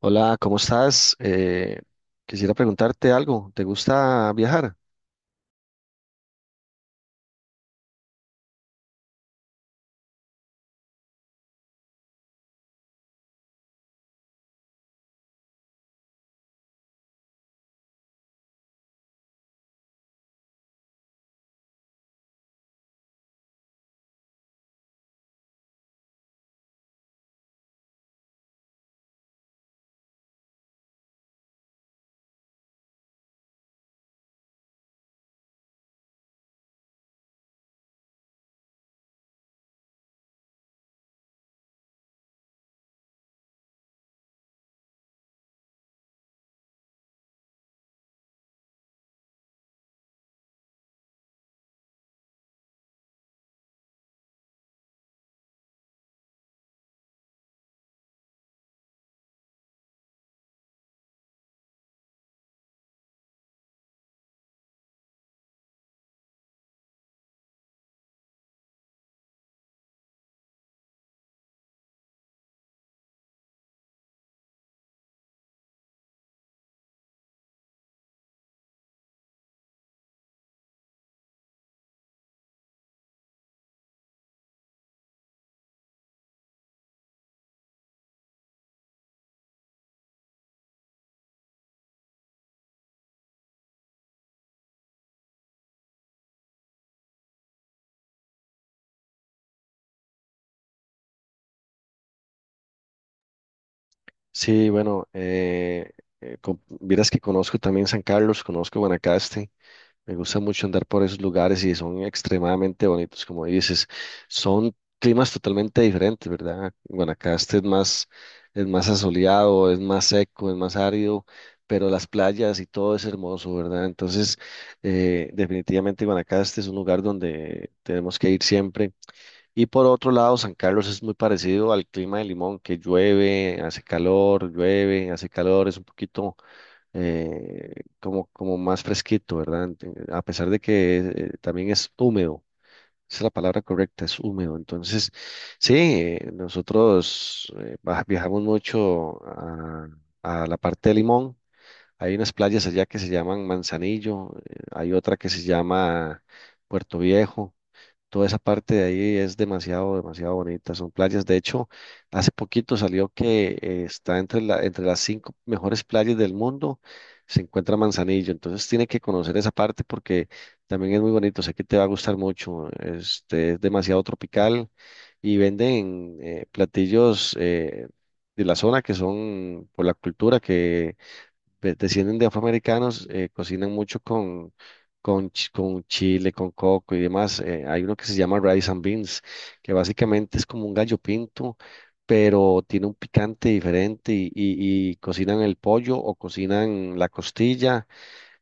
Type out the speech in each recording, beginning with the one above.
Hola, ¿cómo estás? Quisiera preguntarte algo. ¿Te gusta viajar? Sí, bueno, vieras que conozco también San Carlos, conozco Guanacaste. Me gusta mucho andar por esos lugares y son extremadamente bonitos, como dices. Son climas totalmente diferentes, ¿verdad? Guanacaste es más asoleado, es más seco, es más árido, pero las playas y todo es hermoso, ¿verdad? Entonces, definitivamente Guanacaste es un lugar donde tenemos que ir siempre. Y por otro lado, San Carlos es muy parecido al clima de Limón, que llueve, hace calor, es un poquito eh, como más fresquito, ¿verdad? A pesar de que también es húmedo, esa es la palabra correcta, es húmedo. Entonces, sí, nosotros viajamos mucho a la parte de Limón. Hay unas playas allá que se llaman Manzanillo, hay otra que se llama Puerto Viejo. Toda esa parte de ahí es demasiado, demasiado bonita. Son playas. De hecho, hace poquito salió que está entre las cinco mejores playas del mundo. Se encuentra Manzanillo. Entonces tiene que conocer esa parte porque también es muy bonito. Sé que te va a gustar mucho. Este, es demasiado tropical y venden platillos de la zona que son por la cultura que descienden de afroamericanos, cocinan mucho con chile, con coco y demás. Hay uno que se llama rice and beans, que básicamente es como un gallo pinto, pero tiene un picante diferente y cocinan el pollo o cocinan la costilla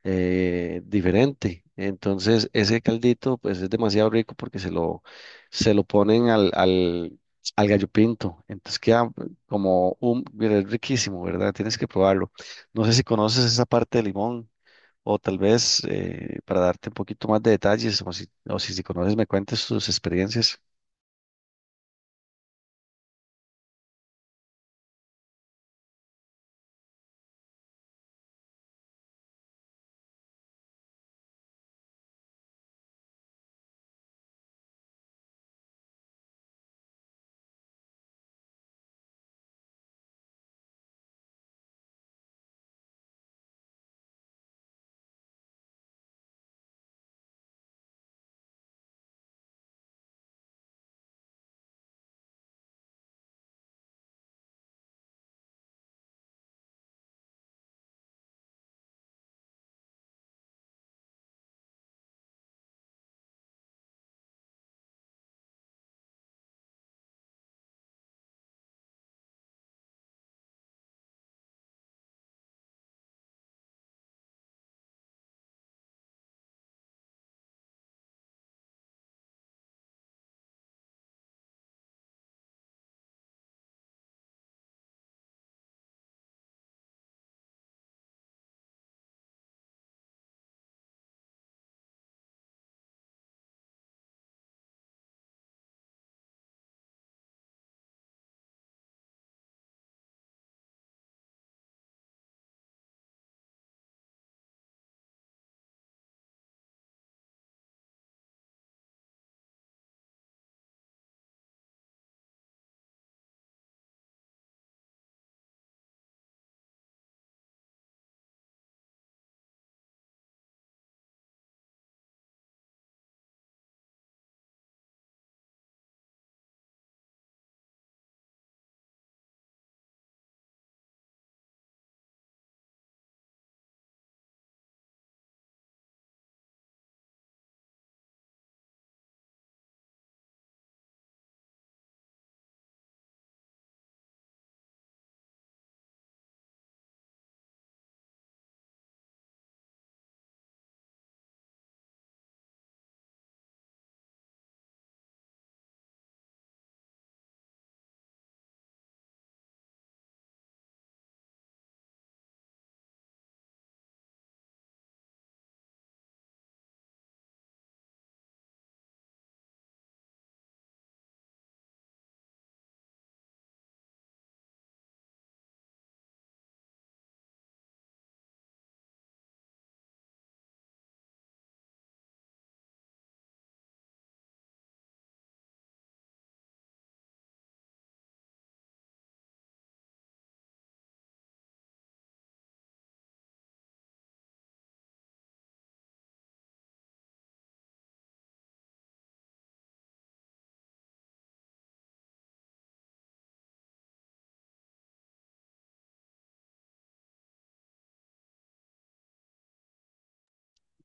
diferente. Entonces, ese caldito, pues es demasiado rico porque se lo ponen al gallo pinto. Entonces queda como un, mira, es riquísimo, ¿verdad? Tienes que probarlo. No sé si conoces esa parte de limón o tal vez para darte un poquito más de detalles o si, si conoces me cuentes tus experiencias.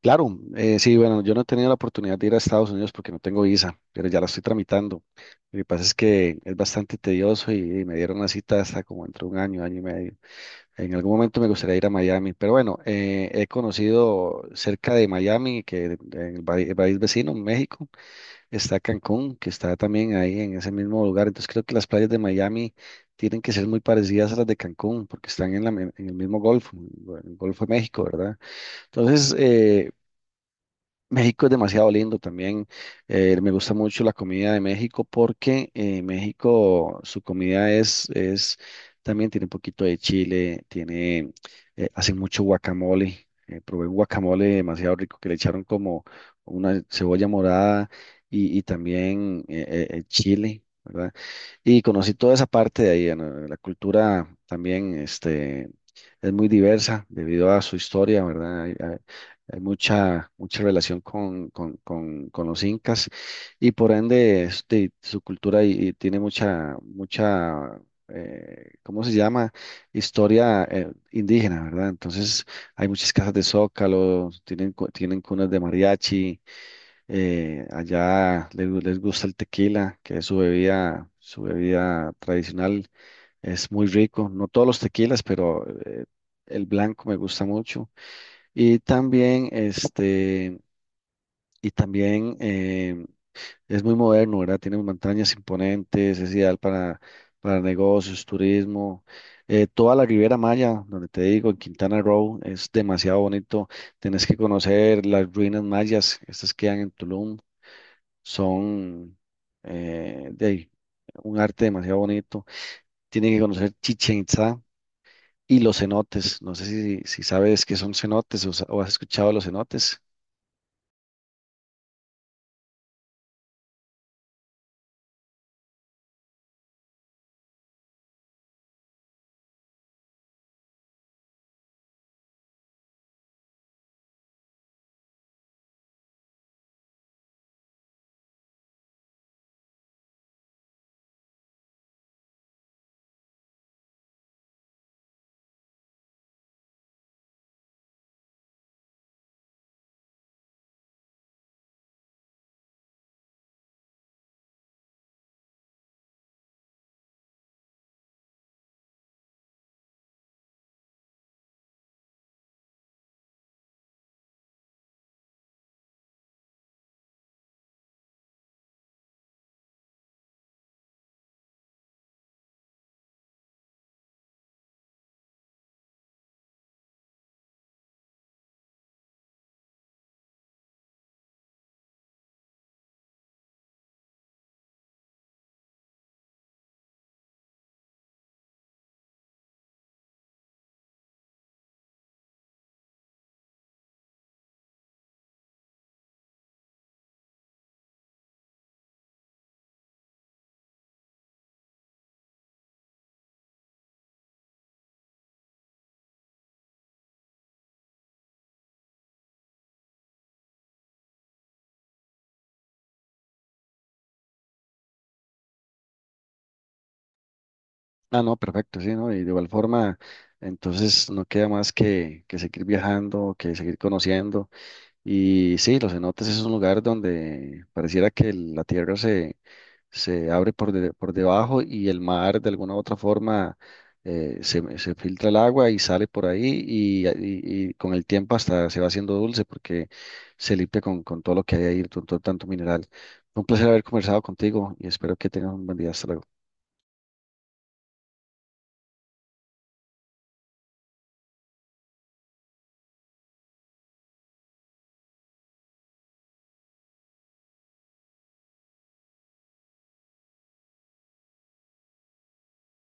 Claro, sí, bueno, yo no he tenido la oportunidad de ir a Estados Unidos porque no tengo visa, pero ya la estoy tramitando. Lo que pasa es que es bastante tedioso y me dieron una cita hasta como entre un año, año y medio. En algún momento me gustaría ir a Miami, pero bueno, he conocido cerca de Miami, que en el país vecino, México, está Cancún, que está también ahí en ese mismo lugar. Entonces creo que las playas de Miami tienen que ser muy parecidas a las de Cancún porque están en el mismo Golfo, en el Golfo de México, ¿verdad? Entonces, México es demasiado lindo también. Me gusta mucho la comida de México porque México, su es, también tiene un poquito de chile, hacen mucho guacamole. Probé un guacamole demasiado rico que le echaron como una cebolla morada y también chile, ¿verdad? Y conocí toda esa parte de ahí. ¿No? La cultura también, este, es muy diversa debido a su historia, ¿verdad? Hay mucha, mucha relación con los incas y por ende este, su cultura y tiene mucha, mucha, ¿cómo se llama? Historia indígena, ¿verdad? Entonces hay muchas casas de zócalo, tienen cunas de mariachi, allá les gusta el tequila, que es su bebida tradicional, es muy rico, no todos los tequilas, pero el blanco me gusta mucho. Y también, este, y también es muy moderno, ¿verdad? Tiene montañas imponentes, es ideal para negocios, turismo. Toda la Riviera Maya, donde te digo, en Quintana Roo, es demasiado bonito. Tienes que conocer las ruinas mayas, estas quedan en Tulum, son de ahí, un arte demasiado bonito. Tienen que conocer Chichen Itza y los cenotes. No sé si sabes qué son cenotes o o has escuchado de los cenotes. Ah, no, perfecto, sí, ¿no? Y de igual forma, entonces no queda más que seguir viajando, que seguir conociendo. Y sí, los cenotes es un lugar donde pareciera que la tierra se se, abre por debajo y el mar de alguna u otra forma se filtra el agua y sale por ahí y con el tiempo hasta se va haciendo dulce porque se limpia con todo lo que hay ahí, con todo tanto mineral. Fue un placer haber conversado contigo y espero que tengas un buen día. Hasta luego.